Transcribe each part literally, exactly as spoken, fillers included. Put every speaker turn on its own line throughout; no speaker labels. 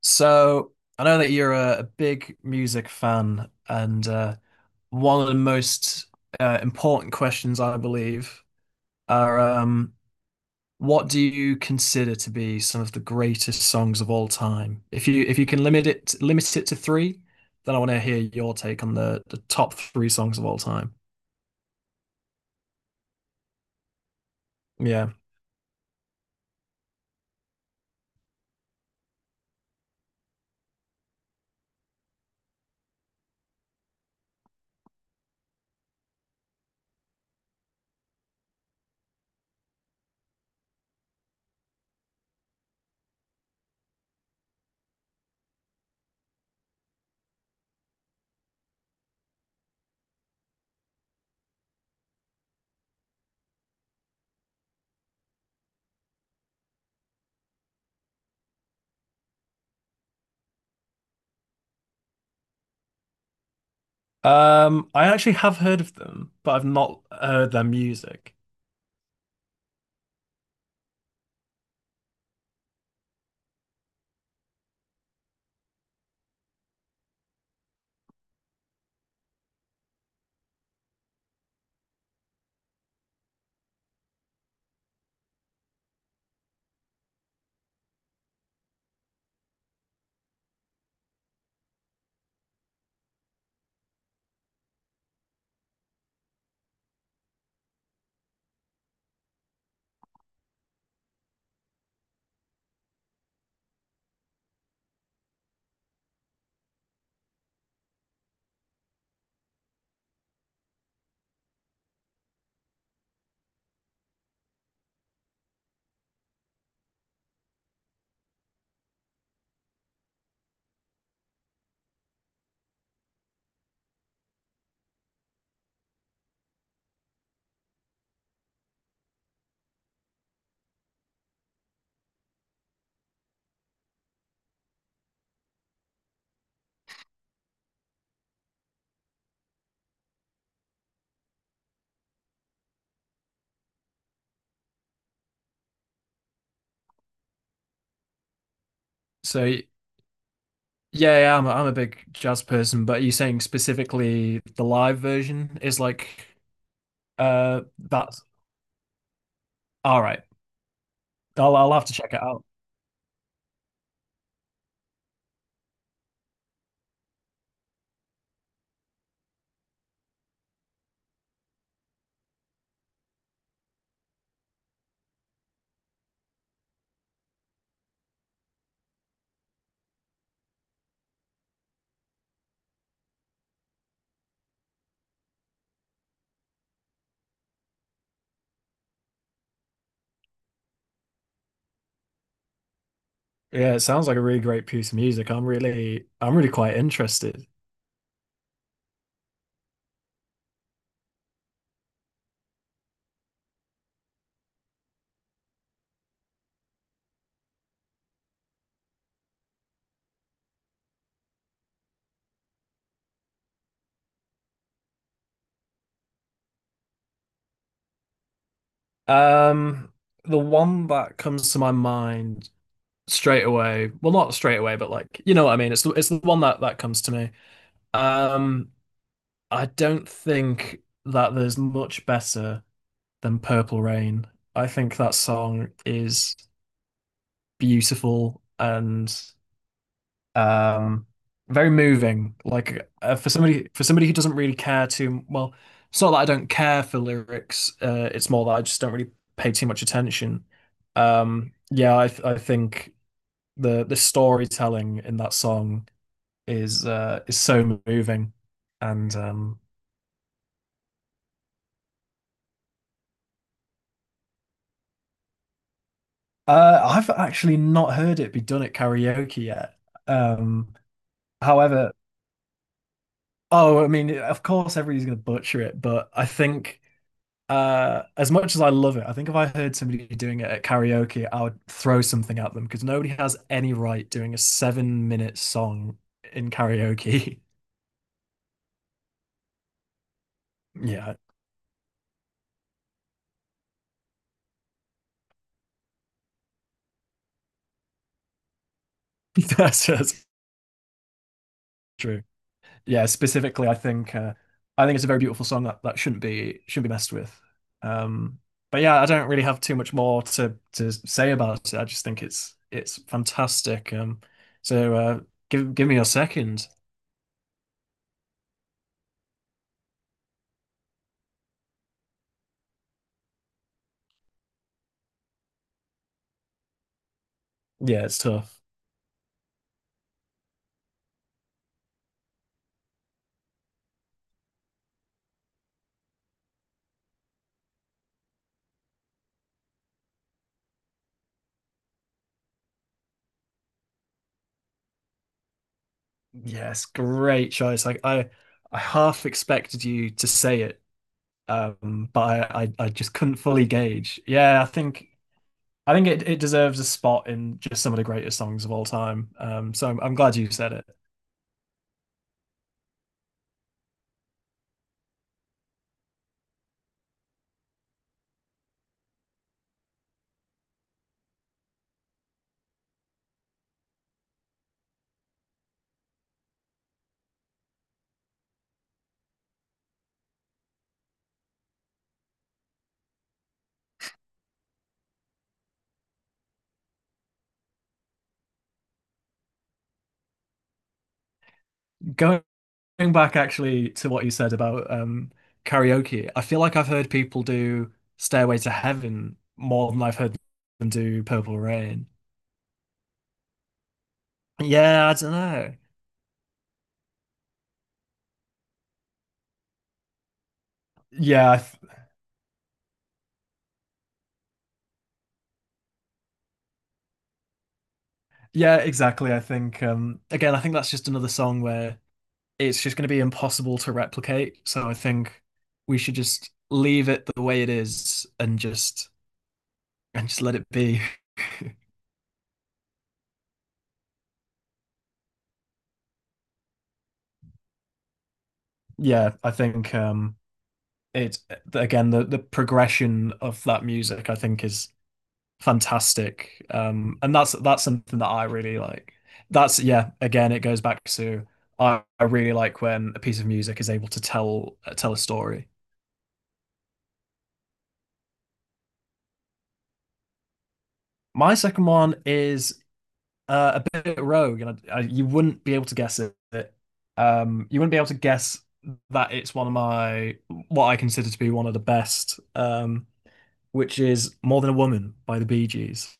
So I know that you're a, a big music fan, and uh, one of the most uh, important questions, I believe, are um, what do you consider to be some of the greatest songs of all time? If you if you can limit it limit it to three, then I want to hear your take on the the top three songs of all time. Yeah. Um, I actually have heard of them, but I've not heard their music. So. Yeah, yeah, I'm a, I'm a big jazz person, but are you saying specifically the live version is like uh that's all right. I'll I'll have to check it out. Yeah, it sounds like a really great piece of music. I'm really I'm really quite interested. Um, the one that comes to my mind straight away, well not straight away, but like you know what I mean, it's the it's the one that that comes to me. Um, I don't think that there's much better than Purple Rain. I think that song is beautiful and um very moving. Like uh, for somebody for somebody who doesn't really care too well, it's not that I don't care for lyrics. Uh, it's more that I just don't really pay too much attention. Um, yeah, I I think the the storytelling in that song is uh is so moving, and um uh I've actually not heard it be done at karaoke yet. Um, however, oh, I mean, of course everybody's gonna butcher it, but I think. Uh, as much as I love it, I think if I heard somebody doing it at karaoke, I would throw something at them because nobody has any right doing a seven minute song in karaoke. Yeah, that's, that's true. Yeah, specifically, I think uh, I think it's a very beautiful song that, that shouldn't be shouldn't be messed with. Um, but yeah, I don't really have too much more to to say about it. I just think it's it's fantastic. Um, so uh, give give me a second. Yeah, it's tough. Yes, great choice. Like I, I half expected you to say it, um, but I, I, I just couldn't fully gauge. Yeah, I think I think it, it deserves a spot in just some of the greatest songs of all time. Um, so I'm, I'm glad you said it. Going back actually to what you said about um karaoke, I feel like I've heard people do Stairway to Heaven more than I've heard them do Purple Rain. Yeah, I don't know. Yeah, I th- yeah, exactly. I think um again, I think that's just another song where it's just going to be impossible to replicate. So I think we should just leave it the way it is and just and just let it be. Yeah, I think um it's again the the progression of that music I think is fantastic. Um, and that's that's something that I really like. That's yeah, again it goes back to I, I really like when a piece of music is able to tell tell a story. My second one is uh, a bit rogue, and I, I, you wouldn't be able to guess it. Um, you wouldn't be able to guess that it's one of my what I consider to be one of the best, um, which is "More Than a Woman" by the Bee Gees.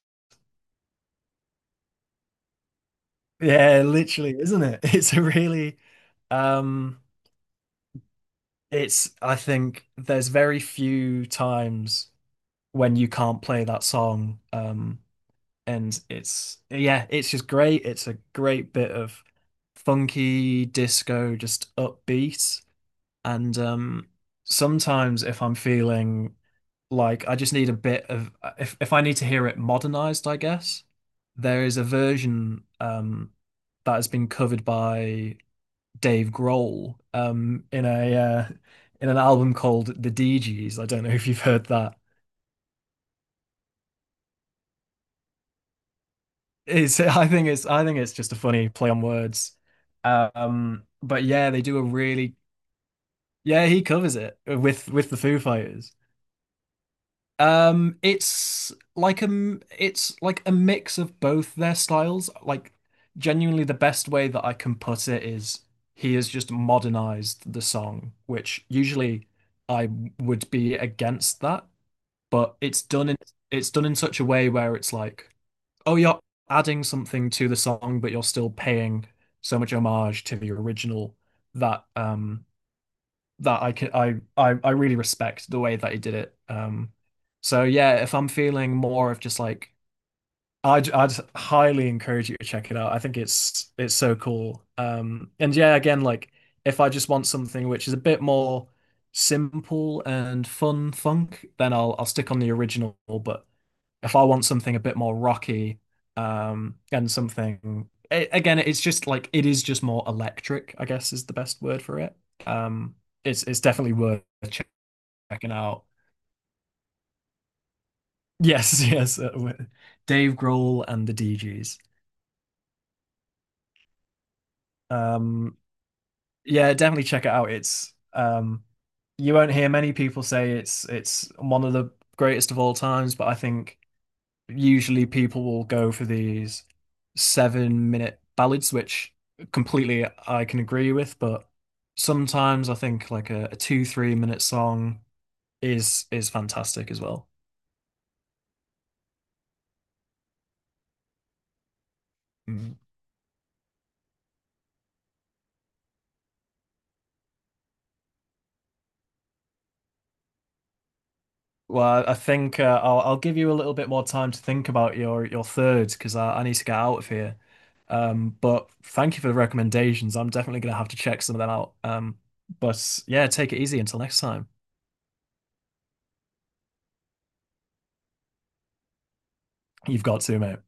Yeah, literally, isn't it? It's a really, um, it's I think there's very few times when you can't play that song, um, and it's yeah, it's just great. It's a great bit of funky disco, just upbeat. And um, sometimes if I'm feeling like I just need a bit of if if I need to hear it modernized, I guess, there is a version um that has been covered by Dave Grohl um in a uh, in an album called The D Gs. I don't know if you've heard that. It's I think it's I think it's just a funny play on words. Um, but yeah, they do a really yeah, he covers it with with the Foo Fighters. Um, it's like a m- it's like a mix of both their styles. Like genuinely the best way that I can put it is he has just modernized the song, which usually I would be against that, but it's done in it's done in such a way where it's like, oh, you're adding something to the song, but you're still paying so much homage to the original that um that I could I, I I really respect the way that he did it. Um, so yeah, if I'm feeling more of just like I'd I'd highly encourage you to check it out. I think it's it's so cool. Um, and yeah, again, like if I just want something which is a bit more simple and fun funk, then I'll I'll stick on the original. But if I want something a bit more rocky, um, and something a- again, it's just like it is just more electric, I guess is the best word for it. Um, it's it's definitely worth checking out. Yes, yes, uh, Dave Grohl and the D Gs. Um, yeah, definitely check it out. It's um, you won't hear many people say it's it's one of the greatest of all times, but I think usually people will go for these seven minute ballads, which completely I can agree with, but sometimes I think like a, a two, three minute song is is fantastic as well. Mm. Well, I think uh, I'll I'll give you a little bit more time to think about your your third because I, I need to get out of here. Um, but thank you for the recommendations. I'm definitely gonna have to check some of them out. Um, but yeah, take it easy until next time. You've got to, mate.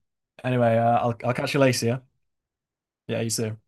Anyway, uh, I'll I'll catch you later. Yeah? Yeah, you too.